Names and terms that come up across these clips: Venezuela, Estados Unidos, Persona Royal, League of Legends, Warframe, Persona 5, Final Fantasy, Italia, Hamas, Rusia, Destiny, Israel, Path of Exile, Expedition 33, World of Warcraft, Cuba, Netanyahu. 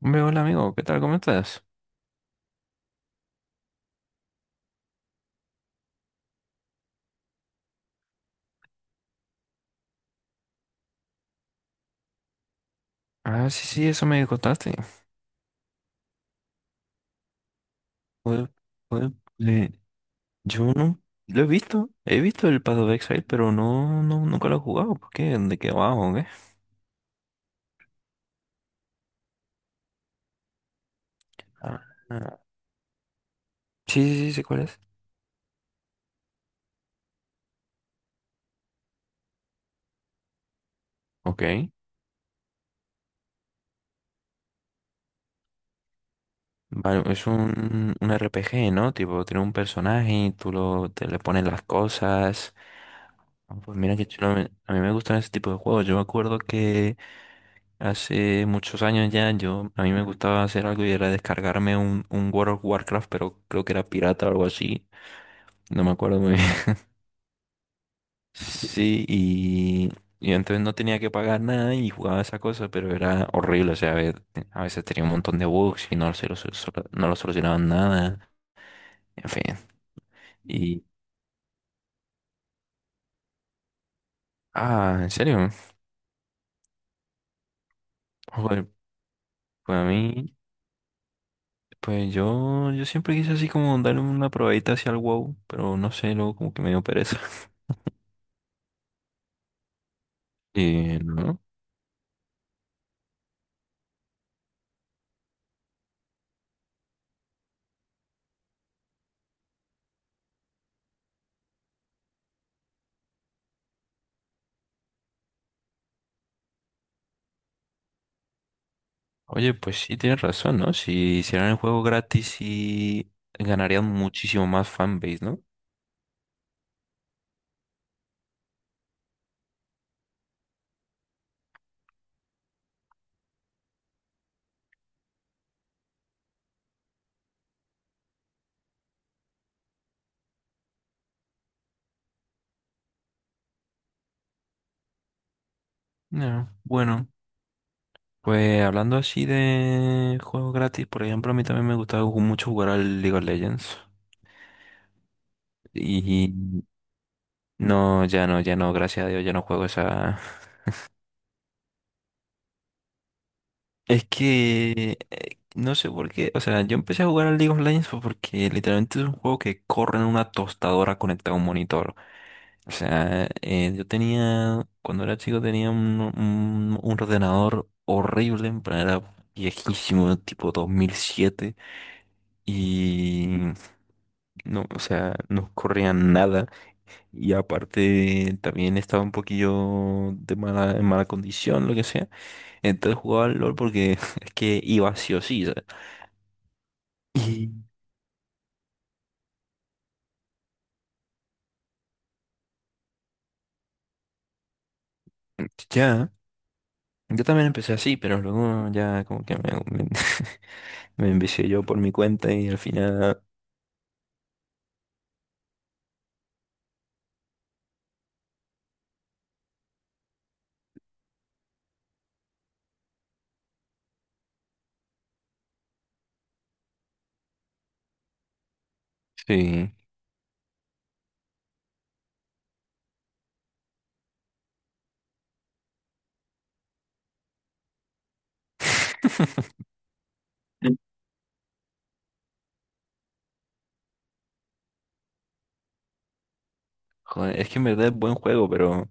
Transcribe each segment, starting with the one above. Hombre, hola amigo, ¿qué tal? ¿Cómo estás? Ah, sí, sí, eso me contaste. Joder, joder, le- yo no lo he visto el Path of Exile, pero no, no, nunca lo he jugado. ¿Por qué? ¿De qué va o qué? Ah, ah, sí, sí, sí, sé cuál es. Ok. Vale, es un RPG, ¿no? Tipo, tiene un personaje y tú lo, te le pones las cosas. Ah, pues mira qué chulo, a mí me gustan ese tipo de juegos. Yo me acuerdo que hace muchos años ya, yo, a mí me gustaba hacer algo y era descargarme un World of Warcraft, pero creo que era pirata o algo así. No me acuerdo muy bien. Sí, y entonces no tenía que pagar nada y jugaba esa cosa, pero era horrible. O sea, a ver, a veces tenía un montón de bugs y no, se lo, no lo solucionaban nada. En fin. Y, ah, ¿en serio? Joder, pues a mí, pues yo siempre quise así como darle una probadita hacia el WoW, pero no sé, luego como que me dio pereza. Y, ¿no? Oye, pues sí, tienes razón, ¿no? Si hicieran el juego gratis, sí ganarían muchísimo más fanbase, ¿no? Ya, bueno, pues hablando así de juegos gratis, por ejemplo, a mí también me gustaba mucho jugar al League of Legends. Y no, ya no, ya no, gracias a Dios, ya no juego esa... No sé por qué, o sea, yo empecé a jugar al League of Legends fue porque literalmente es un juego que corre en una tostadora conectada a un monitor. O sea, yo tenía, cuando era chico tenía un, un ordenador horrible, en plan era viejísimo, tipo 2007, y no, o sea, no corría nada, y aparte también estaba un poquillo de mala, en mala condición, lo que sea, entonces jugaba al LOL porque es que iba sí o sí, ¿sabes? Y ya, yo también empecé así, pero luego ya como que me, me- me envicié yo por mi cuenta y al final sí. Joder, es que en verdad es buen juego, pero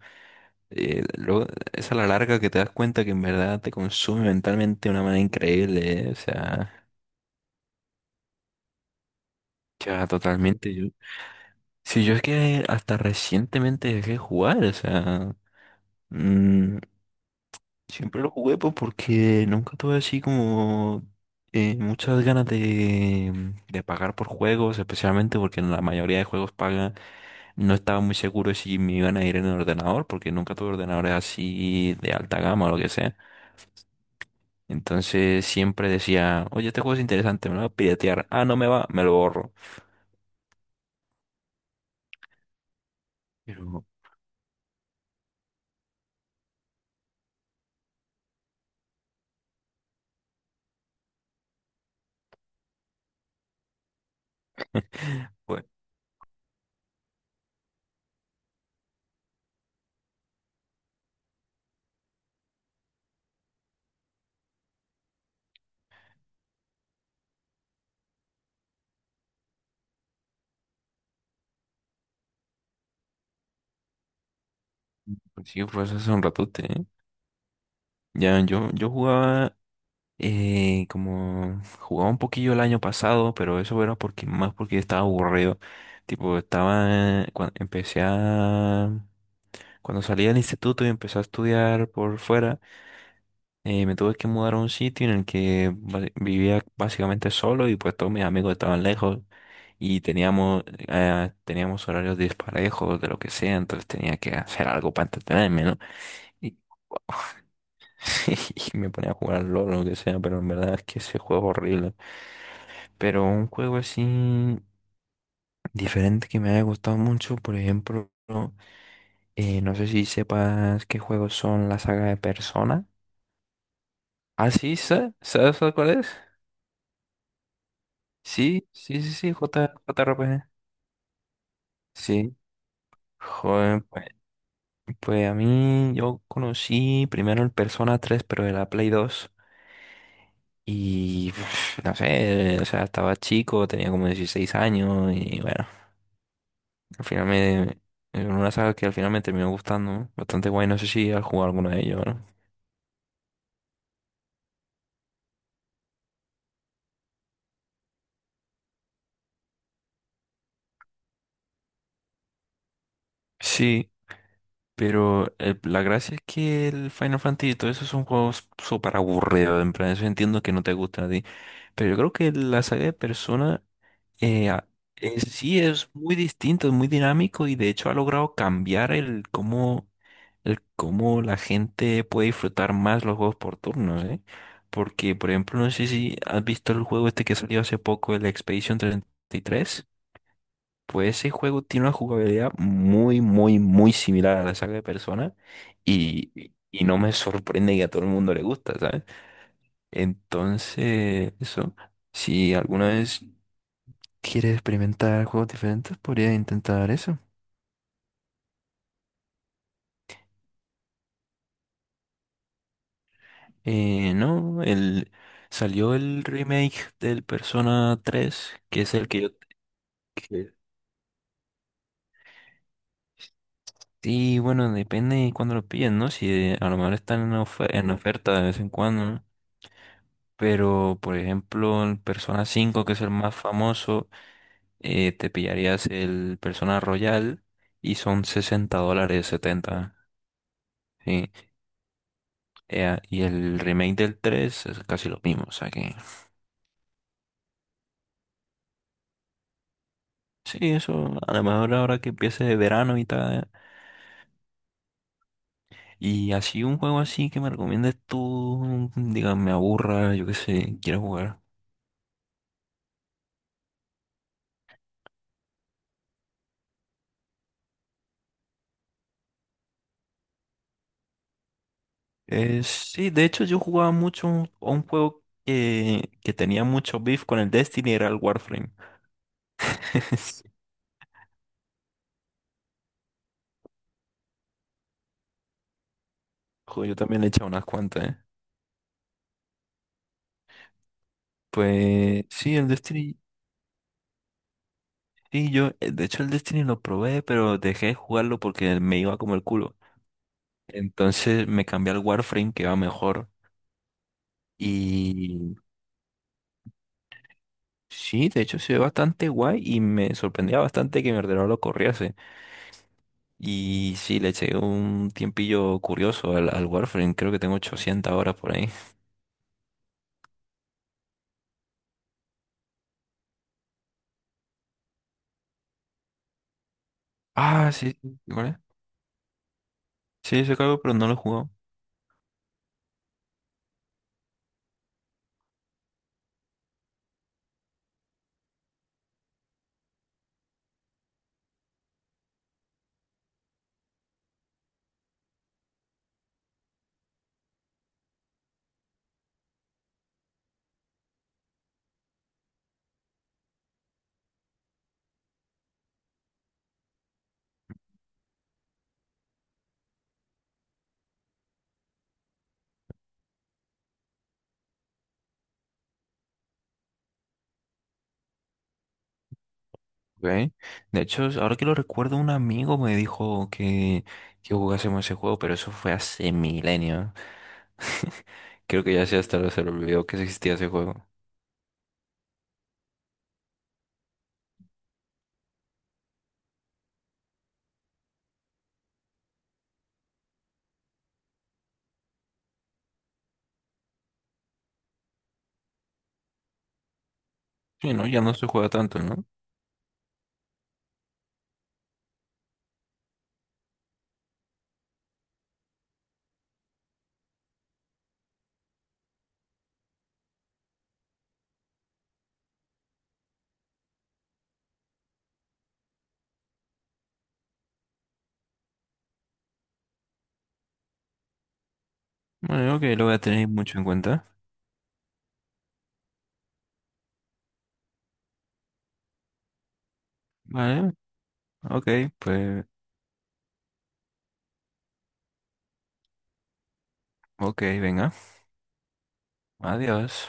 luego es a la larga que te das cuenta que en verdad te consume mentalmente de una manera increíble, ¿eh? O sea, ya totalmente. Yo, sí, yo es que hasta recientemente dejé de jugar, o sea, mm, siempre lo jugué pues porque nunca tuve así como muchas ganas de pagar por juegos, especialmente porque la mayoría de juegos pagan. No estaba muy seguro si me iban a ir en el ordenador, porque nunca tuve ordenadores así de alta gama o lo que sea. Entonces siempre decía, oye, este juego es interesante, me lo voy a piratear. Ah, no me va, me lo borro. Pero, pues, pues sí, pues hace un ratote, ¿eh? Ya, yo jugaba, como, jugaba un poquillo el año pasado, pero eso era porque, más porque estaba aburrido. Tipo, estaba, cuando empecé a, cuando salí del instituto y empecé a estudiar por fuera. Me tuve que mudar a un sitio en el que vivía básicamente solo y pues todos mis amigos estaban lejos y teníamos, teníamos horarios disparejos de lo que sea, entonces tenía que hacer algo para entretenerme, ¿no? Y, y me ponía a jugar LOL o lo que sea, pero en verdad es que ese juego es horrible. Pero un juego así diferente que me haya gustado mucho, por ejemplo, no sé si sepas qué juegos son la saga de Persona. Ah, sí, ¿sabes? ¿Sabes cuál es? Sí, sí, sí, sí, J, JRPG. Sí, joder, pues, pues a mí yo conocí primero el Persona 3 pero de la Play dos. Y no sé, o sea, estaba chico, tenía como 16 años y bueno, al final me... Es una saga que al final me terminó gustando, ¿no? Bastante guay, no sé si has jugado alguno de ellos, ¿no? Sí, pero la gracia es que el Final Fantasy y todo eso son juegos súper aburridos. En plan, eso entiendo que no te gusta a ti. Pero yo creo que la saga de Persona eh, a- sí es muy distinto, es muy dinámico y de hecho ha logrado cambiar el cómo la gente puede disfrutar más los juegos por turnos, ¿eh? Porque, por ejemplo, no sé si has visto el juego este que salió hace poco, el Expedition 33. Pues ese juego tiene una jugabilidad muy, muy, muy similar a la saga de Persona y no me sorprende que a todo el mundo le gusta, ¿sabes? Entonces, eso, si alguna vez quieres experimentar juegos diferentes, podría intentar eso. No, el, salió el remake del Persona 3, que es el que yo... que- Sí, bueno, depende de cuándo lo pillen, ¿no? Si a lo mejor están en, en oferta de vez en cuando, ¿no? Pero, por ejemplo, en Persona 5, que es el más famoso, te pillarías el Persona Royal y son $60, setenta. Sí. Y el remake del 3 es casi lo mismo. O sea que, sí, eso a lo mejor ahora que empiece de verano y tal. Y así un juego así que me recomiendes tú, diga, me aburra, yo qué sé, quiero jugar. Sí, de hecho yo jugaba mucho a un juego que tenía mucho beef con el Destiny, era el Warframe. Joder, yo también le he echado unas cuantas, ¿eh? Pues sí, el Destiny. Sí, yo, de hecho, el Destiny lo probé, pero dejé de jugarlo porque me iba como el culo. Entonces me cambié al Warframe, que va mejor. Y sí, de hecho, se ve bastante guay y me sorprendía bastante que mi ordenador lo corriese. Y sí, le eché un tiempillo curioso al, al Warframe. Creo que tengo 800 horas por ahí. Ah, sí, sí, ¿cuál es? Sí, se cargo, pero no lo he jugado. Okay. De hecho, ahora que lo recuerdo, un amigo me dijo que jugásemos ese juego, pero eso fue hace milenio. Creo que ya se hasta se le olvidó que existía ese juego. Sí, no, ya no se juega tanto, ¿no? Bueno, ok, lo voy a tener mucho en cuenta. Vale, ok, pues, ok, venga, adiós.